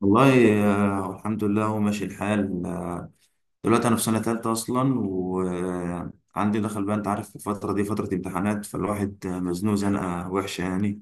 والله، الحمد لله هو ماشي الحال دلوقتي انا في سنه ثالثه اصلا، وعندي دخل بقى. انت عارف الفتره دي فتره امتحانات، فالواحد مزنوق زنقه وحشه يعني.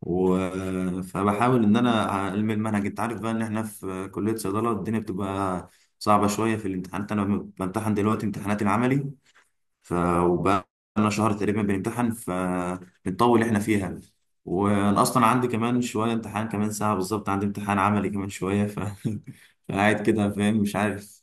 و... آه، فبحاول ان انا الم المنهج. انت عارف بقى ان احنا في كليه صيدله، الدنيا بتبقى صعبه شويه في الامتحانات. انا بمتحن دلوقتي امتحانات العملي. ف وبقى لنا شهر تقريبا بنمتحن، فبنطول احنا فيها. وانا اصلا عندي كمان شويه امتحان، كمان ساعه بالظبط عندي امتحان عملي كمان شويه. فقاعد كده فاهم مش عارف.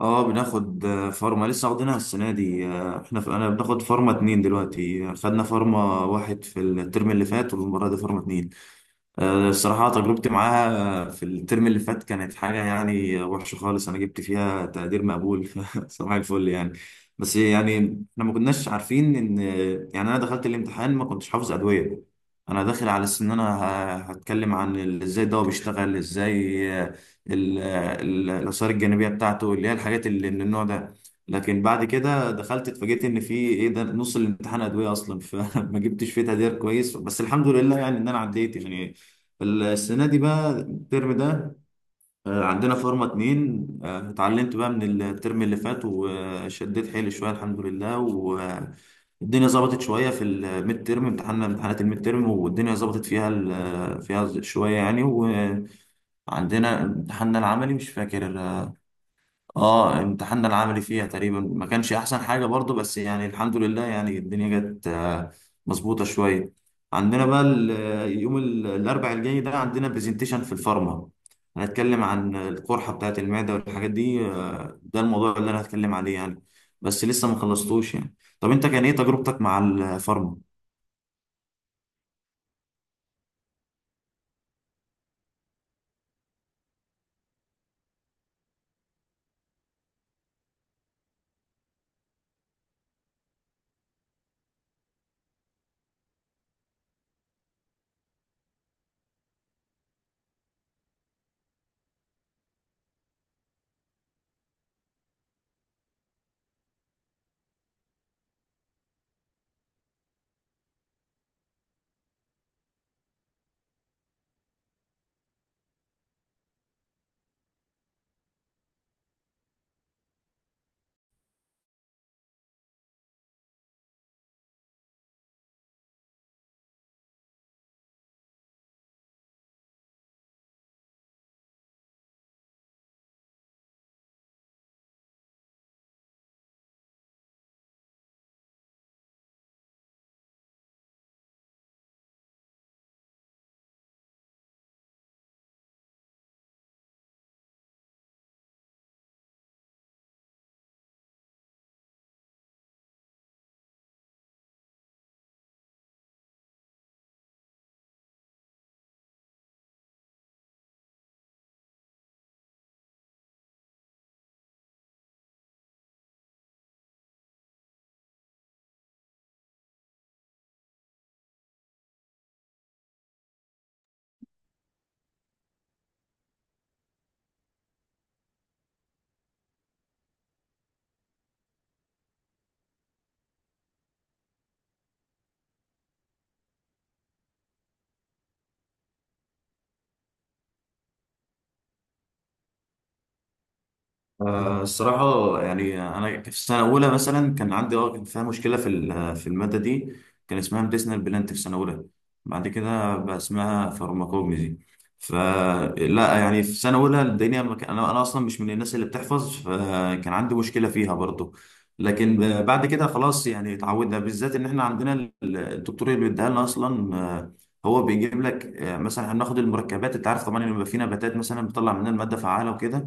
اه، بناخد فارما لسه واخدينها السنه دي. انا بناخد فارما اتنين دلوقتي، خدنا فارما واحد في الترم اللي فات، والمره دي فارما اتنين. الصراحة تجربتي معاها في الترم اللي فات كانت حاجة يعني وحشة خالص، أنا جبت فيها تقدير مقبول صباح الفل يعني. بس يعني إحنا ما كناش عارفين إن، يعني أنا دخلت الامتحان ما كنتش حافظ أدوية. أنا داخل على أساس إن أنا هتكلم عن إزاي الدواء بيشتغل إزاي. الآثار الجانبية بتاعته اللي هي الحاجات اللي من النوع ده. لكن بعد كده دخلت اتفاجئت ان في ايه، ده نص الامتحان ادويه اصلا فما جبتش فيه تقدير كويس، بس الحمد لله يعني ان انا عديت يعني. السنة دي بقى، الترم ده عندنا فورمة اتنين. اتعلمت بقى من الترم اللي فات وشديت حيلي شوية الحمد لله، والدنيا ظبطت شوية في الميد ترم، امتحاننا امتحانات الميد ترم، والدنيا ظبطت فيها فيها شوية يعني. وعندنا امتحاننا العملي، مش فاكر، اه امتحاننا العملي فيها تقريبا ما كانش احسن حاجه برضو، بس يعني الحمد لله يعني الدنيا جت مظبوطه شويه. عندنا بقى يوم الاربع الجاي ده عندنا برزنتيشن في الفارما، هنتكلم عن القرحه بتاعت المعده والحاجات دي. ده الموضوع اللي انا هتكلم عليه يعني، بس لسه ما خلصتوش يعني. طب انت كان ايه تجربتك مع الفارما؟ الصراحة يعني أنا في سنة أولى مثلا كان عندي كان فيها مشكلة في في المادة دي، كان اسمها ميديسنال بلانت في سنة أولى، بعد كده بقى اسمها فارماكوجنزي. فلا يعني في سنة أولى الدنيا ما كان- أنا أصلا مش من الناس اللي بتحفظ، فكان عندي مشكلة فيها برضو. لكن بعد كده خلاص، يعني اتعودنا، بالذات إن إحنا عندنا الدكتور اللي بيديها لنا أصلا. هو بيجيب لك، مثلا هناخد المركبات، انت عارف طبعا ان بيبقى في نباتات مثلا بتطلع منها الماده فعاله وكده،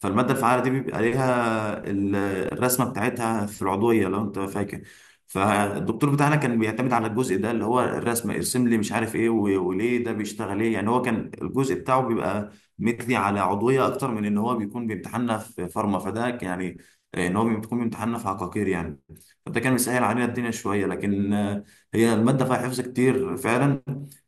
فالمادة الفعالة دي بيبقى عليها الرسمة بتاعتها في العضوية، لو انت فاكر. فالدكتور بتاعنا كان بيعتمد على الجزء ده اللي هو الرسمة، ارسم لي مش عارف ايه وليه ده بيشتغل ايه. يعني هو كان الجزء بتاعه بيبقى مثلي على عضوية اكتر من ان هو بيكون بيمتحنا في فارما، فده يعني ان هو بيكون بيمتحنا في عقاقير يعني. فده كان مسهل علينا الدنيا شوية، لكن هي المادة فيها حفظ كتير فعلا.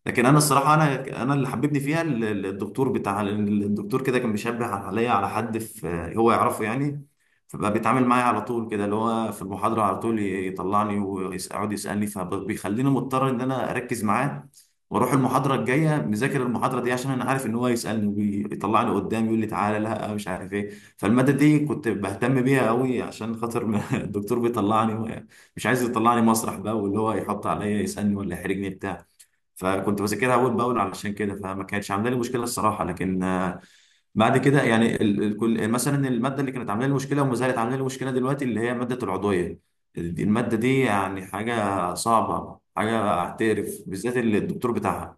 لكن انا الصراحه، انا اللي حببني فيها الدكتور بتاع الدكتور كده كان بيشبه عليا على حد في هو يعرفه يعني. فبقى بيتعامل معايا على طول كده، اللي هو في المحاضره على طول يطلعني ويقعد يسالني، فبيخليني مضطر ان انا اركز معاه، واروح المحاضره الجايه مذاكر المحاضره دي عشان انا عارف ان هو يسالني ويطلعني قدام، يقول لي تعالى لا مش عارف ايه. فالماده دي كنت بهتم بيها قوي عشان خاطر الدكتور بيطلعني، مش عايز يطلعني مسرح بقى، واللي هو يحط عليا يسالني ولا يحرجني بتاع. فكنت بذاكرها اول باول علشان كده، فما كانتش عامله لي مشكله الصراحه. لكن بعد كده يعني كل مثلا الماده اللي كانت عامله لي مشكله وما زالت عامله لي مشكله دلوقتي، اللي هي ماده العضويه. الماده دي يعني حاجه صعبه، حاجه اعترف، بالذات اللي الدكتور بتاعها.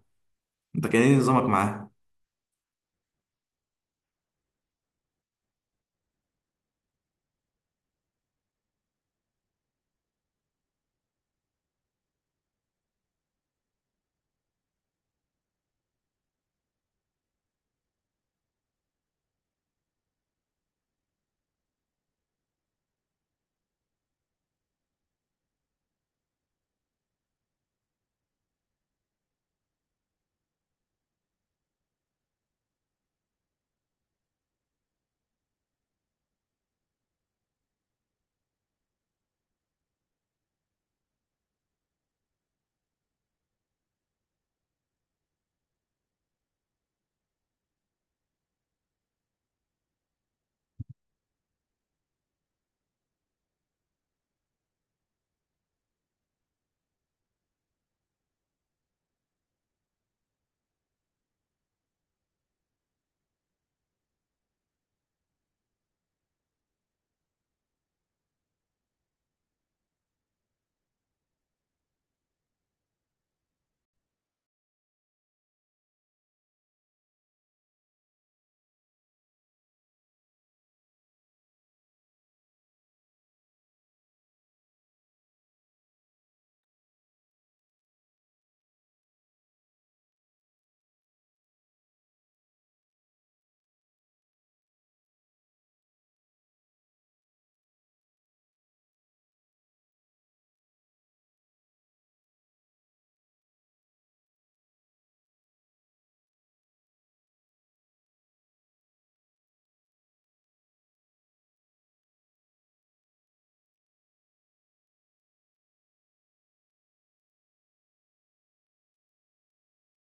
انت كان ايه نظامك معاها؟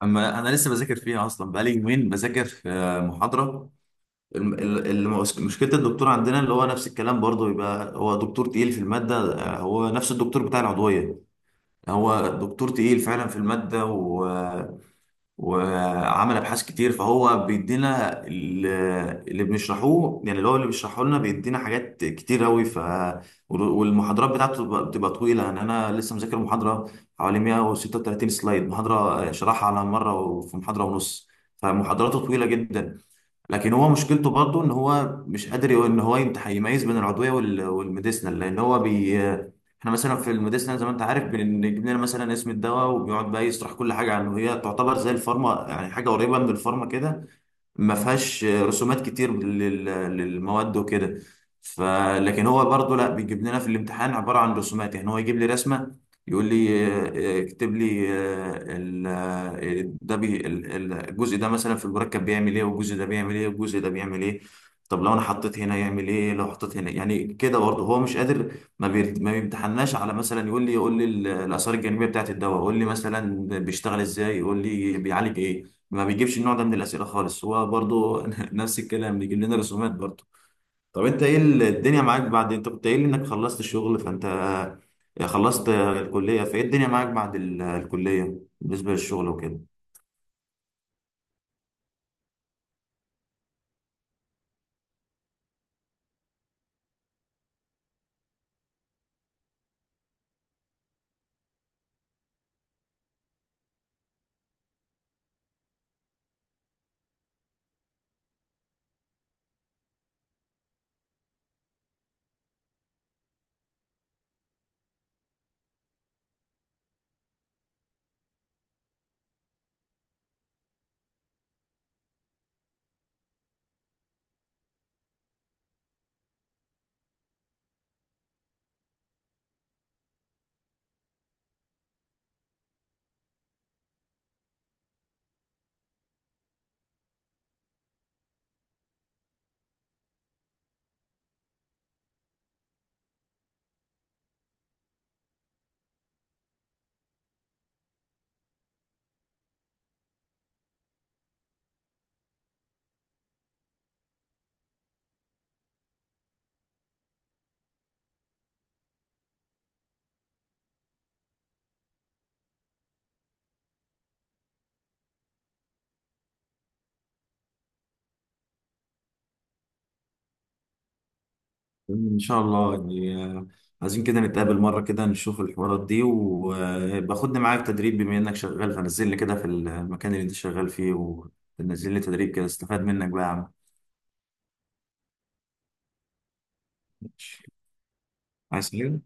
اما انا لسه بذاكر فيها اصلا، بقالي يومين بذاكر في محاضره. مشكله الدكتور عندنا اللي هو نفس الكلام برضه، يبقى هو دكتور تقيل في الماده. هو نفس الدكتور بتاع العضويه، هو دكتور تقيل فعلا في المادة وعمل أبحاث كتير، فهو بيدينا اللي بنشرحوه، يعني اللي هو اللي بيشرحه لنا بيدينا حاجات كتير أوي. والمحاضرات بتاعته بتبقى طويلة، يعني أنا لسه مذاكر محاضرة حوالي 136 سلايد، محاضرة شرحها على مرة وفي محاضرة ونص. فمحاضراته طويلة جدا. لكن هو مشكلته برضه ان هو مش قادر ان هو يميز بين العضويه والميديسنال، لان هو بي احنا مثلا في الميديسنال زي ما انت عارف، بنجيب لنا مثلا اسم الدواء، وبيقعد بقى يشرح كل حاجه عنه، هي تعتبر زي الفارما، يعني حاجه قريبه من الفارما كده، ما فيهاش رسومات كتير للمواد وكده. ف لكن هو برضه لا، بيجيب لنا في الامتحان عباره عن رسومات، يعني هو يجيب لي رسمه، يقول لي اكتب لي آه، ال- آه، ده بي ال- ال- الجزء ده مثلا في المركب بيعمل ايه، والجزء ده بيعمل ايه، والجزء ده بيعمل ايه. طب لو انا حطيت هنا يعمل ايه، لو حطيت هنا يعني كده برضه هو مش قادر. ما بيمتحناش على، مثلا يقول لي الاثار الجانبيه بتاعت الدواء، يقول لي مثلا بيشتغل ازاي، يقول لي بيعالج ايه. ما بيجيبش النوع ده من الأسئلة خالص هو برضو نفس الكلام بيجيب لنا رسومات برضو. طب انت ايه الدنيا معاك بعد؟ انت كنت قايل لي انك خلصت الشغل، فانت خلصت الكلية، فايه الدنيا معاك بعد الكلية بالنسبة للشغل وكده؟ ان شاء الله يعني. عايزين كده نتقابل مره كده، نشوف الحوارات دي، وباخدني معاك تدريب بما انك شغال، فنزلني كده في المكان اللي انت شغال فيه، ونزل لي تدريب كده استفاد منك بقى يا عم. ماشي. عايز حاجه؟